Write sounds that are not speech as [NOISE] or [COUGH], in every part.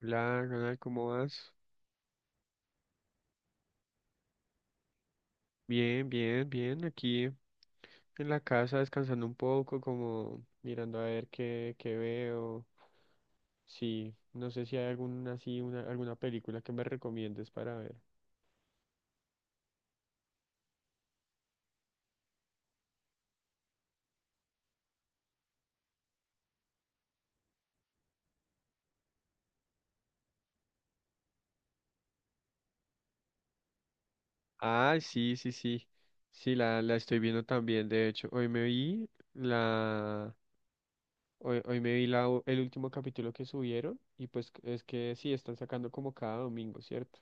Hola, Ronald, ¿cómo vas? Bien, bien, bien. Aquí en la casa descansando un poco, como mirando a ver qué veo. Sí, no sé si hay alguna, así, una, alguna película que me recomiendes para ver. Ah, sí, sí, sí. Sí, la estoy viendo también, de hecho. Hoy me vi el último capítulo que subieron y pues es que sí, están sacando como cada domingo, ¿cierto?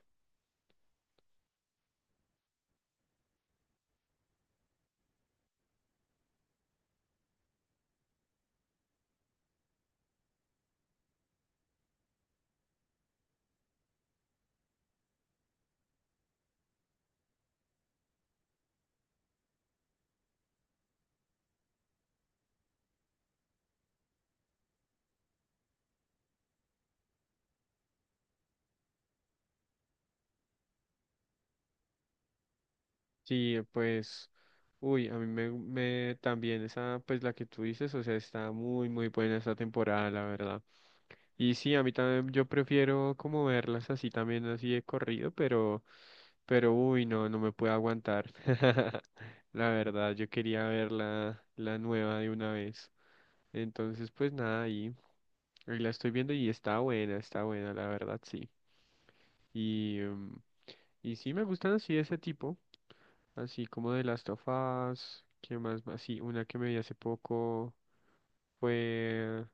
Sí, pues, uy, a mí me también esa, pues la que tú dices, o sea, está muy, muy buena esta temporada, la verdad. Y sí, a mí también, yo prefiero como verlas así también, así de corrido, pero, uy, no, no me puedo aguantar. [LAUGHS] La verdad, yo quería ver la nueva de una vez. Entonces, pues nada, ahí la estoy viendo y está buena, la verdad, sí. Y, y sí, me gustan así ese tipo. Así como de Last of Us, ¿qué más? Así, una que me vi hace poco fue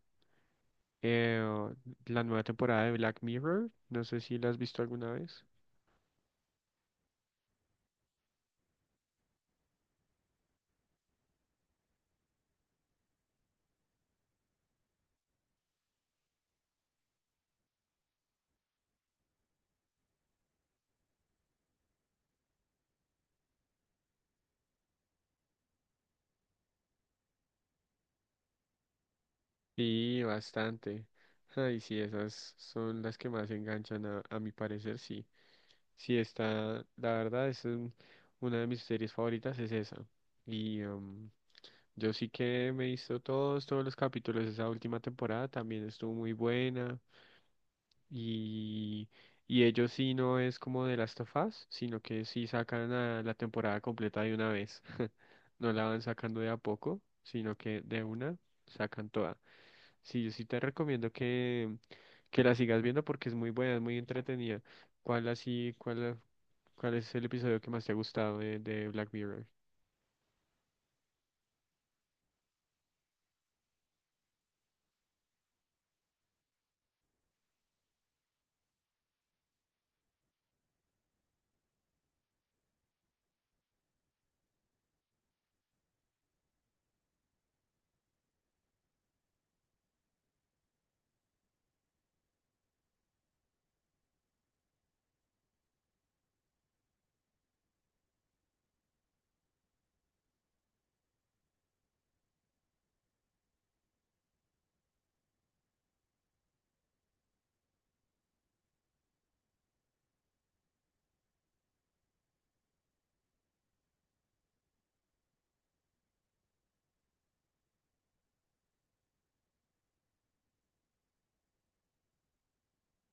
eh, la nueva temporada de Black Mirror. No sé si la has visto alguna vez. Sí, bastante. Ay, sí, esas son las que más enganchan a mi parecer, sí. Sí, está, la verdad es un- una de mis series favoritas, es esa. Y yo sí que me he visto todos, todos los capítulos de esa última temporada, también estuvo muy buena. Y, y ellos sí no es como de Last of Us, sino que sí sacan a la temporada completa de una vez. [LAUGHS] No la van sacando de a poco, sino que de una sacan toda. Sí, yo sí te recomiendo que la sigas viendo porque es muy buena, es muy entretenida. ¿Cuál así, cuál, ¿cuál es el episodio que más te ha gustado de Black Mirror?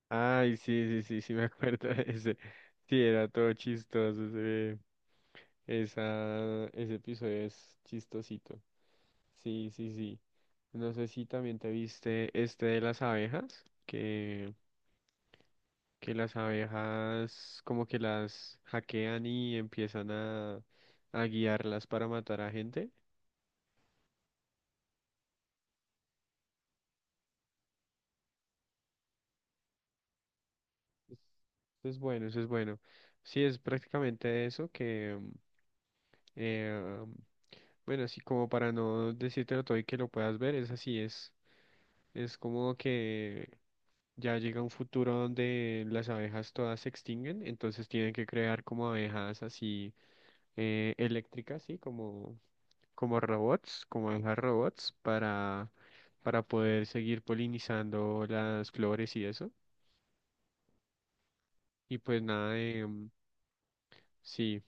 Ay, sí, sí, sí, sí, [LAUGHS] me acuerdo de ese. Sí, era todo chistoso. Ese episodio es chistosito. Sí, sí, sí. No sé si también te viste este de las abejas, que las abejas como que las hackean y empiezan a guiarlas para matar a gente. Eso es bueno, eso es bueno. Sí, es prácticamente eso que, eh, bueno, así como para no decírtelo todo y que lo puedas ver, es así, es como que ya llega un futuro donde las abejas todas se extinguen, entonces tienen que crear como abejas así eléctricas, ¿sí? Como, como robots, como abejas robots para poder seguir polinizando las flores y eso. Y pues nada, sí,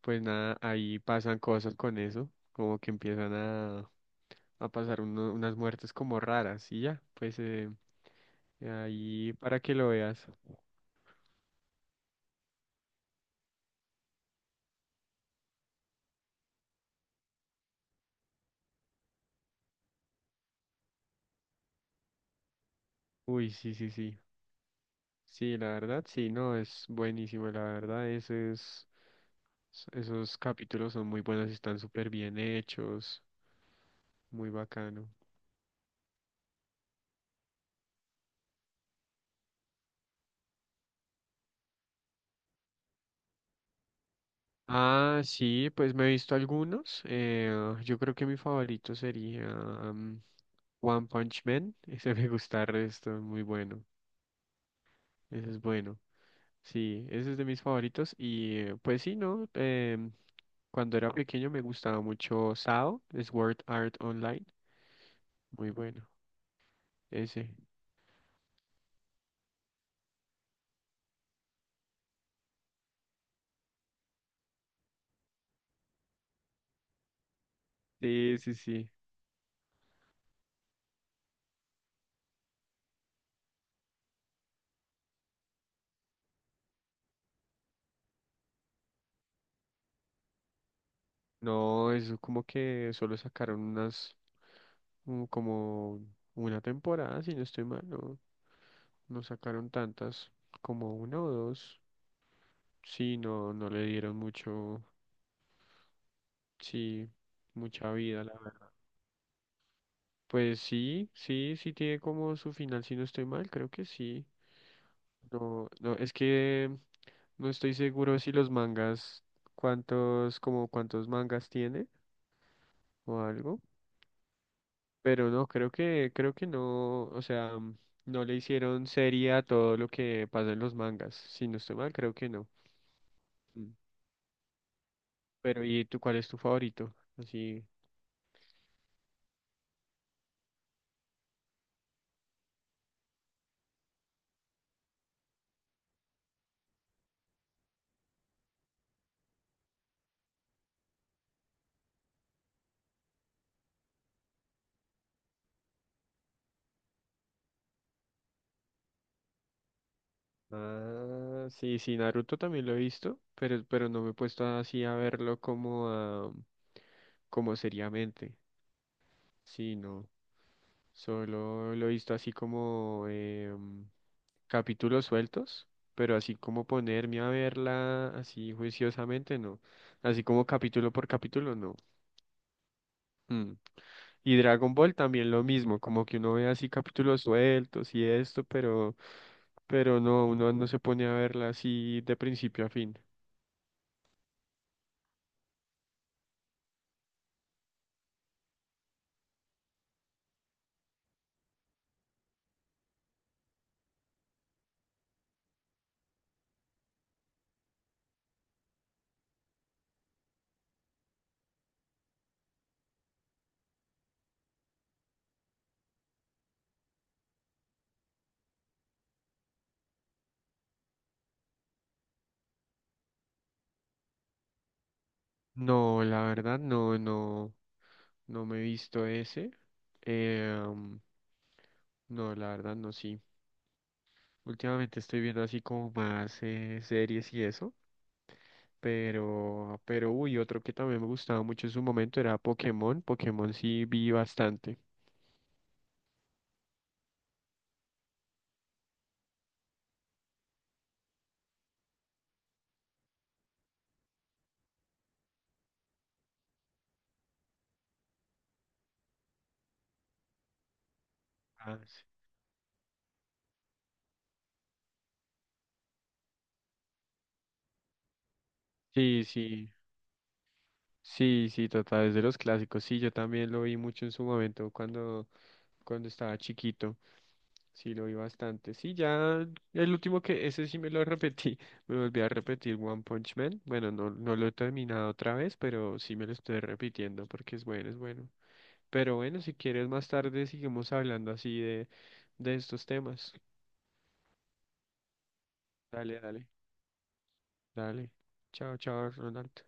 pues nada, ahí pasan cosas con eso, como que empiezan a pasar unas muertes como raras y ya, pues ahí para que lo veas. Uy, sí, sí, sí. Sí, la verdad, sí, no, es buenísimo, la verdad, esos capítulos son muy buenos, están súper bien hechos, muy bacano. Ah, sí, pues me he visto algunos, yo creo que mi favorito sería One Punch Man, [LAUGHS] ese me gusta el resto, muy bueno, ese es bueno, sí, ese es de mis favoritos y pues sí, no, cuando era pequeño me gustaba mucho SAO, Sword Art Online, muy bueno, ese, sí, sí, sí. No, eso como que solo sacaron unas, como una temporada, si no estoy mal, no, no sacaron tantas, como una o dos. Sí, no, no le dieron mucho, sí, mucha vida, la verdad. Pues sí, sí, sí tiene como su final, si no estoy mal, creo que sí. No, no, es que no estoy seguro si los mangas, cuántos, como cuántos mangas tiene o algo. Pero no, creo que no, o sea, no le hicieron serie a todo lo que pasa en los mangas. Si no estoy mal, creo que no. Mm. Pero, ¿y tú cuál es tu favorito? Así. Ah, sí, sí, Naruto también lo he visto, pero no me he puesto así a verlo como seriamente. Sí, no. Solo lo he visto así como capítulos sueltos, pero así como ponerme a verla así juiciosamente, no. Así como capítulo por capítulo, no. Mm. Y Dragon Ball también lo mismo, como que uno ve así capítulos sueltos y esto, pero no, uno no se pone a verla así de principio a fin. No, la verdad, no, no, no me he visto ese. Eh, um, no, la verdad, no, sí. Últimamente estoy viendo así como más series y eso, pero uy, otro que también me gustaba mucho en su momento era Pokémon. Pokémon sí vi bastante. Ah, sí, sí, sí, sí, sí, total, es de los clásicos. Sí, yo también lo vi mucho en su momento cuando, cuando estaba chiquito. Sí, lo vi bastante. Sí, ya el último que ese sí me lo repetí. [LAUGHS] Me volví a repetir One Punch Man. Bueno, no, no lo he terminado otra vez, pero sí me lo estoy repitiendo porque es bueno, es bueno. Pero bueno, si quieres más tarde seguimos hablando así de estos temas. Dale, dale, dale. Chao, chao, Ronald.